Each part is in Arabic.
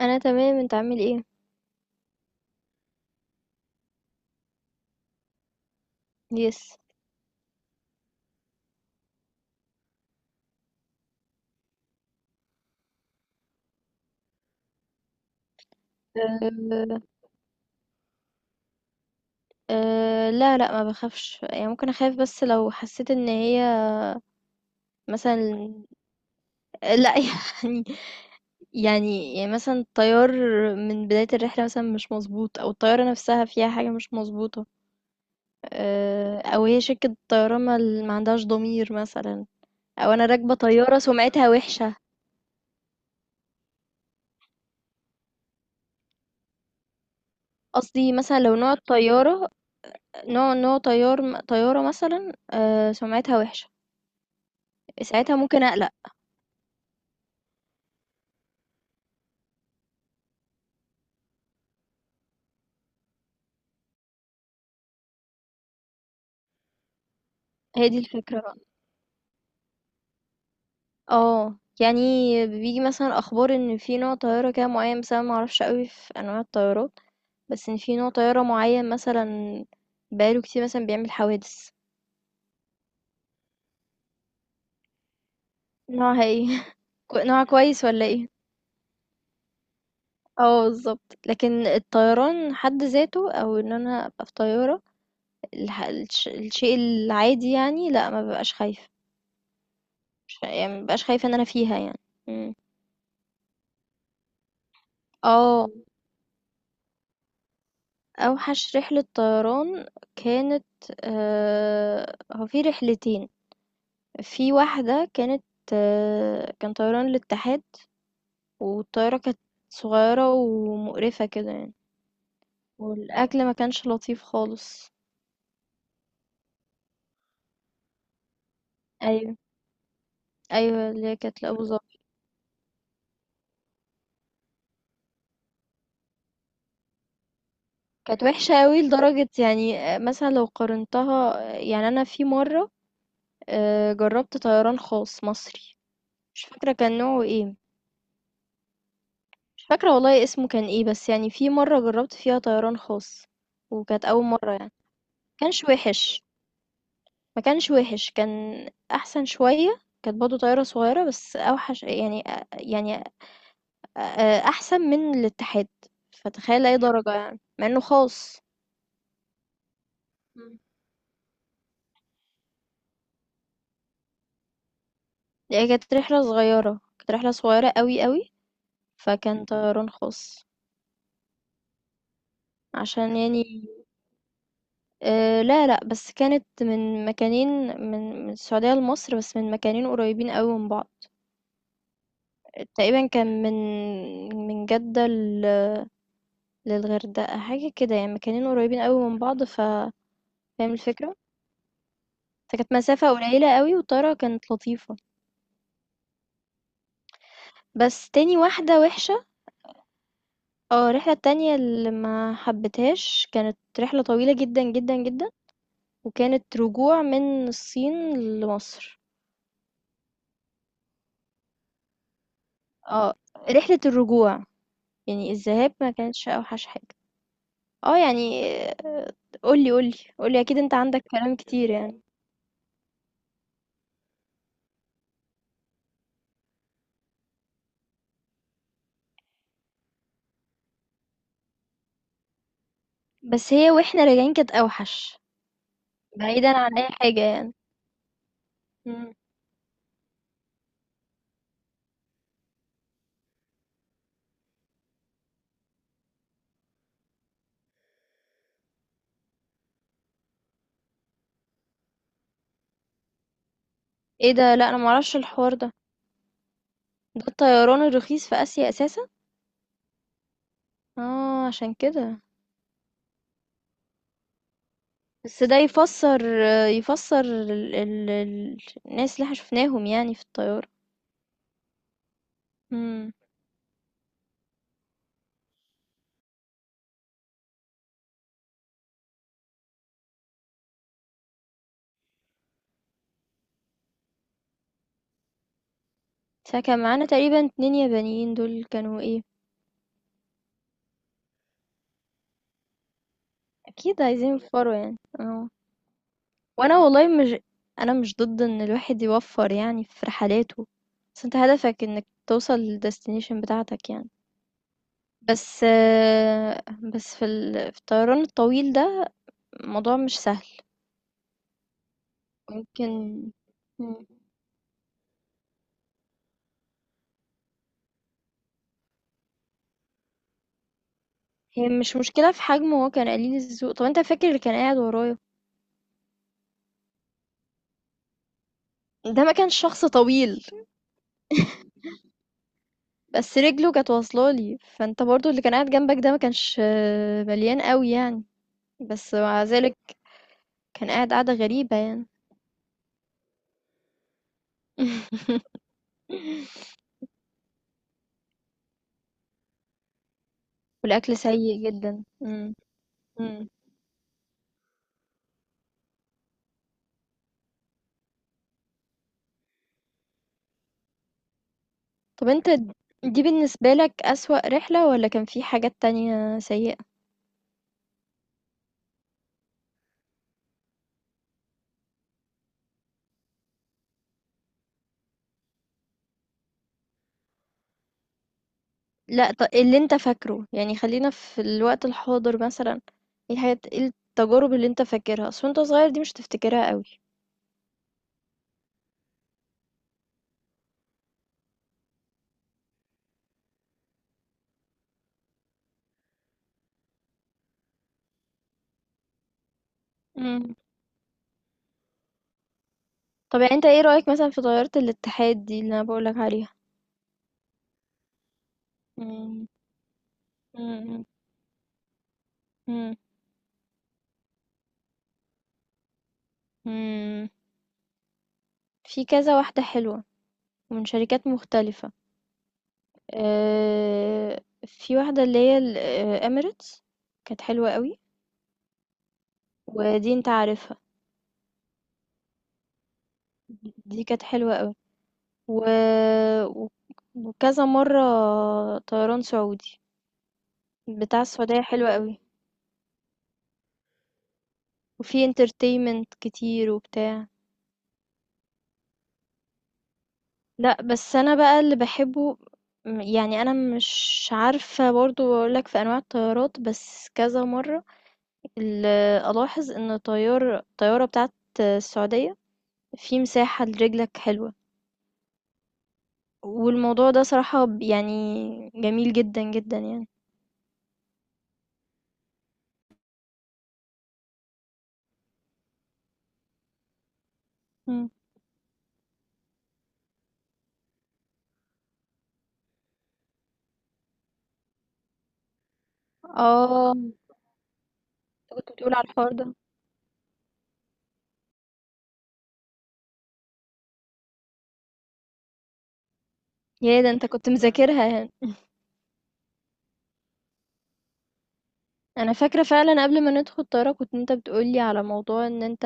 أنا تمام، أنت عامل إيه؟ يس. آه، أه أه لا لا ما بخافش يعني ممكن أخاف بس لو حسيت إن هي مثلا. لا يعني. يعني مثلا الطيار من بداية الرحلة مثلا مش مظبوط أو الطيارة نفسها فيها حاجة مش مظبوطة. أه أو هي شركة طيران ما عندهاش ضمير مثلا، أو أنا راكبة طيارة سمعتها وحشة. قصدي مثلا لو نوع الطيارة، نوع طيارة مثلا أه سمعتها وحشة، ساعتها ممكن أقلق. هي دي الفكرة، اه يعني بيجي مثلا اخبار ان في نوع طيارة كده معين، بس انا معرفش قوي في انواع الطيارات، بس ان في نوع طيارة معين مثلا بقاله كتير مثلا بيعمل حوادث. نوعها ايه؟ نوعها كويس ولا ايه؟ اه بالظبط. لكن الطيران حد ذاته او ان انا ابقى في طيارة، الشيء العادي يعني، لا ما ببقاش خايفة. يعني ما ببقاش خايفة ان انا فيها يعني. مم. اه. أوحش رحلة طيران كانت، هو في رحلتين. في واحدة كانت، كان طيران الاتحاد، والطيارة كانت صغيرة ومقرفة كده يعني، والأكل ما كانش لطيف خالص. أيوة، أيوة اللي هي كانت لأبو ظبي. كانت وحشة قوي لدرجة يعني، مثلا لو قارنتها، يعني أنا في مرة جربت طيران خاص مصري، مش فاكرة كان نوعه ايه، مش فاكرة والله اسمه كان ايه، بس يعني في مرة جربت فيها طيران خاص وكانت أول مرة يعني. كانش وحش، ما كانش وحش، كان أحسن شوية. كانت برضه طيارة صغيرة بس أوحش يعني، يعني أحسن من الاتحاد، فتخيل أي درجة يعني مع إنه خاص. مم. هي كانت رحلة صغيرة، كانت رحلة صغيرة قوي قوي، فكان طيران خاص. عشان يعني، آه لا لا، بس كانت من مكانين، من السعودية لمصر، بس من مكانين قريبين قوي من بعض. تقريبًا كان من جدة لل للغردقة، حاجة كده يعني، مكانين قريبين أوي من بعض ف فاهم الفكرة؟ فكانت مسافة قليلة أوي، والطيارة كانت لطيفة، بس تاني واحدة وِحشة. الرحلة التانية اللي ما حبيتهاش كانت رحلة طويلة جدًا، جدًا، جدًا، وكانت رجوع من الصين لمصر. آه، رحلة الرجوع، يعني الذهاب ما كانتش أوحش حاجة. يعني قُل لي، قُل لي، قُل لي أكيد أنت عندك كلام كتير يعني. بس هي واحنا راجعين كانت اوحش، بعيدا عن اي حاجة يعني. مم. ايه ده؟ لا انا معرفش الحوار ده، ده الطيران الرخيص في اسيا اساسا؟ اه عشان كده. بس ده يفسر، يفسر الناس اللي احنا شفناهم يعني في الطيارة. امم. فكان معانا تقريبا اتنين يابانيين، دول كانوا ايه؟ اكيد عايزين يوفروا يعني اه. وانا والله مش، انا مش ضد ان الواحد يوفر يعني في رحلاته، بس انت هدفك انك توصل للديستنيشن بتاعتك يعني. بس بس في الطيران الطويل ده الموضوع مش سهل. ممكن. مم. هي مش مشكلة في حجمه، هو كان قليل الذوق. طب انت فاكر اللي كان قاعد ورايا؟ ده ما كانش شخص طويل، بس رجله كانت واصلة لي. فانت برضو اللي كان قاعد جنبك ده ما كانش مليان قوي يعني، بس مع ذلك كان قاعد قاعدة غريبة يعني. والأكل سيء جدا. مم. مم. طب أنت دي بالنسبة لك أسوأ رحلة، والّا كان في حاجات تانية سيئة؟ لأ، ط اللي أنت فاكره، يعني خلّينا في الوقت الحاضر مثلًا، إيه الحاجات، إيه التجارب اللي أنت فاكرها؟ أصل وأنت صغير دي مش هتفتكرها أوي. إمم. طب يعني أنت إيه رأيك مثلًا في طيارة الاتحاد دي اللي أنا باقول لك عليها؟ إمم. إمم، إمم. إمم. إمم. في كذا واحدة حلوة ومن شركات مختلفة. في واحدة اللي هي ال Emirates، كانت حلوة أوي، ودي أنت عارفها. دي كانت حلوة قوي. و... و- وكذا مرة طيران سعودي، بتاع السعودية حلوة قوي، وفي انترتينمنت كتير وبتاع. لا بس انا بقى اللي بحبه، يعني انا مش عارفة برضو اقولك في انواع الطيارات، بس كذا مرة ال- الاحظ ان الطيارة بتاعت السعودية في مساحة لرجلك حلوة، والموضوع ده صراحة يعني جميل جدا جدا يعني. مم. اه انت كنت بتقول على الحوار ده؟ يا ده انت كنت مذاكرها يعني. انا فاكره فعلا، قبل ما ندخل الطياره كنت انت بتقولي على موضوع ان انت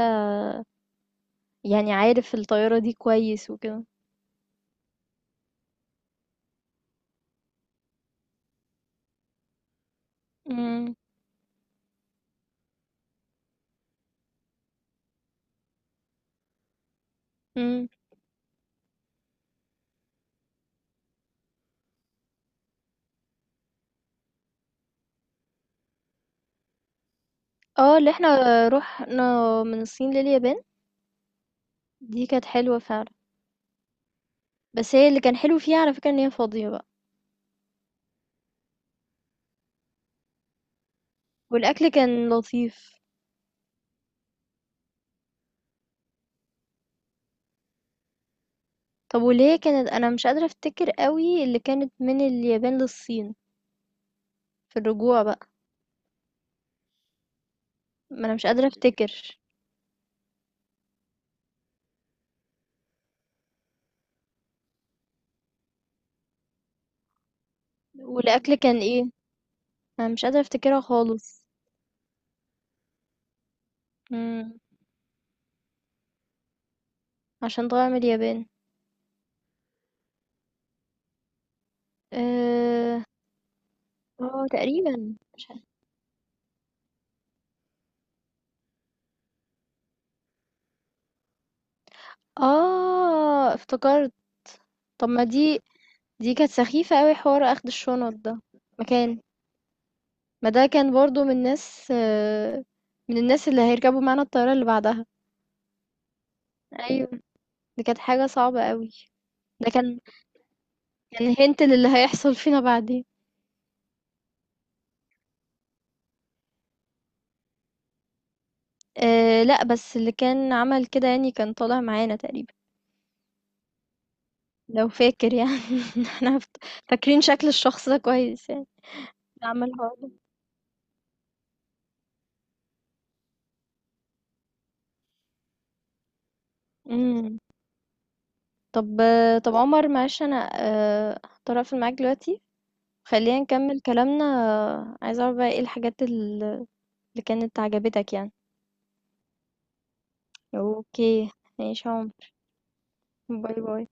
يعني عارف الطياره دي كويس وكده. امم. امم. اه اللي احنا رحنا من الصين لليابان، دي كانت حلوه فعلا. بس هي اللي كان حلو فيها على فكره ان هي فاضيه بقى، والاكل كان لطيف. طب واللي هي كانت، انا مش قادره افتكر قوي اللي كانت من اليابان للصين في الرجوع بقى. ما انا مش قادره افتكر. والاكل كان ايه؟ انا مش قادره افتكرها خالص. امم. عشان طالعه من اليابان. آه. اه تقريبا مش عارف. آه افتكرت. طب ما دي، دي كانت سخيفة قوي حوار اخد الشنط ده. مكان، ما ده كان برضو من الناس من الناس اللي هيركبوا معانا الطيارة اللي بعدها. ايوه، دي كانت حاجة صعبة قوي. ده كان، كان هنت للي هيحصل فينا بعدين. أه لا، بس اللي كان عمل كده يعني كان طالع معانا تقريبا، لو فاكر يعني. احنا فت- فاكرين شكل الشخص ده كويس يعني، اللي عمل الحوار ده. طب طب عمر معلش انا هضطر اقفل معاك دلوقتي. خلينا نكمل كلامنا، عايزه اعرف بقى ايه الحاجات اللي كانت عجبتك يعني. اوكي ماشي يا عمر، باي باي.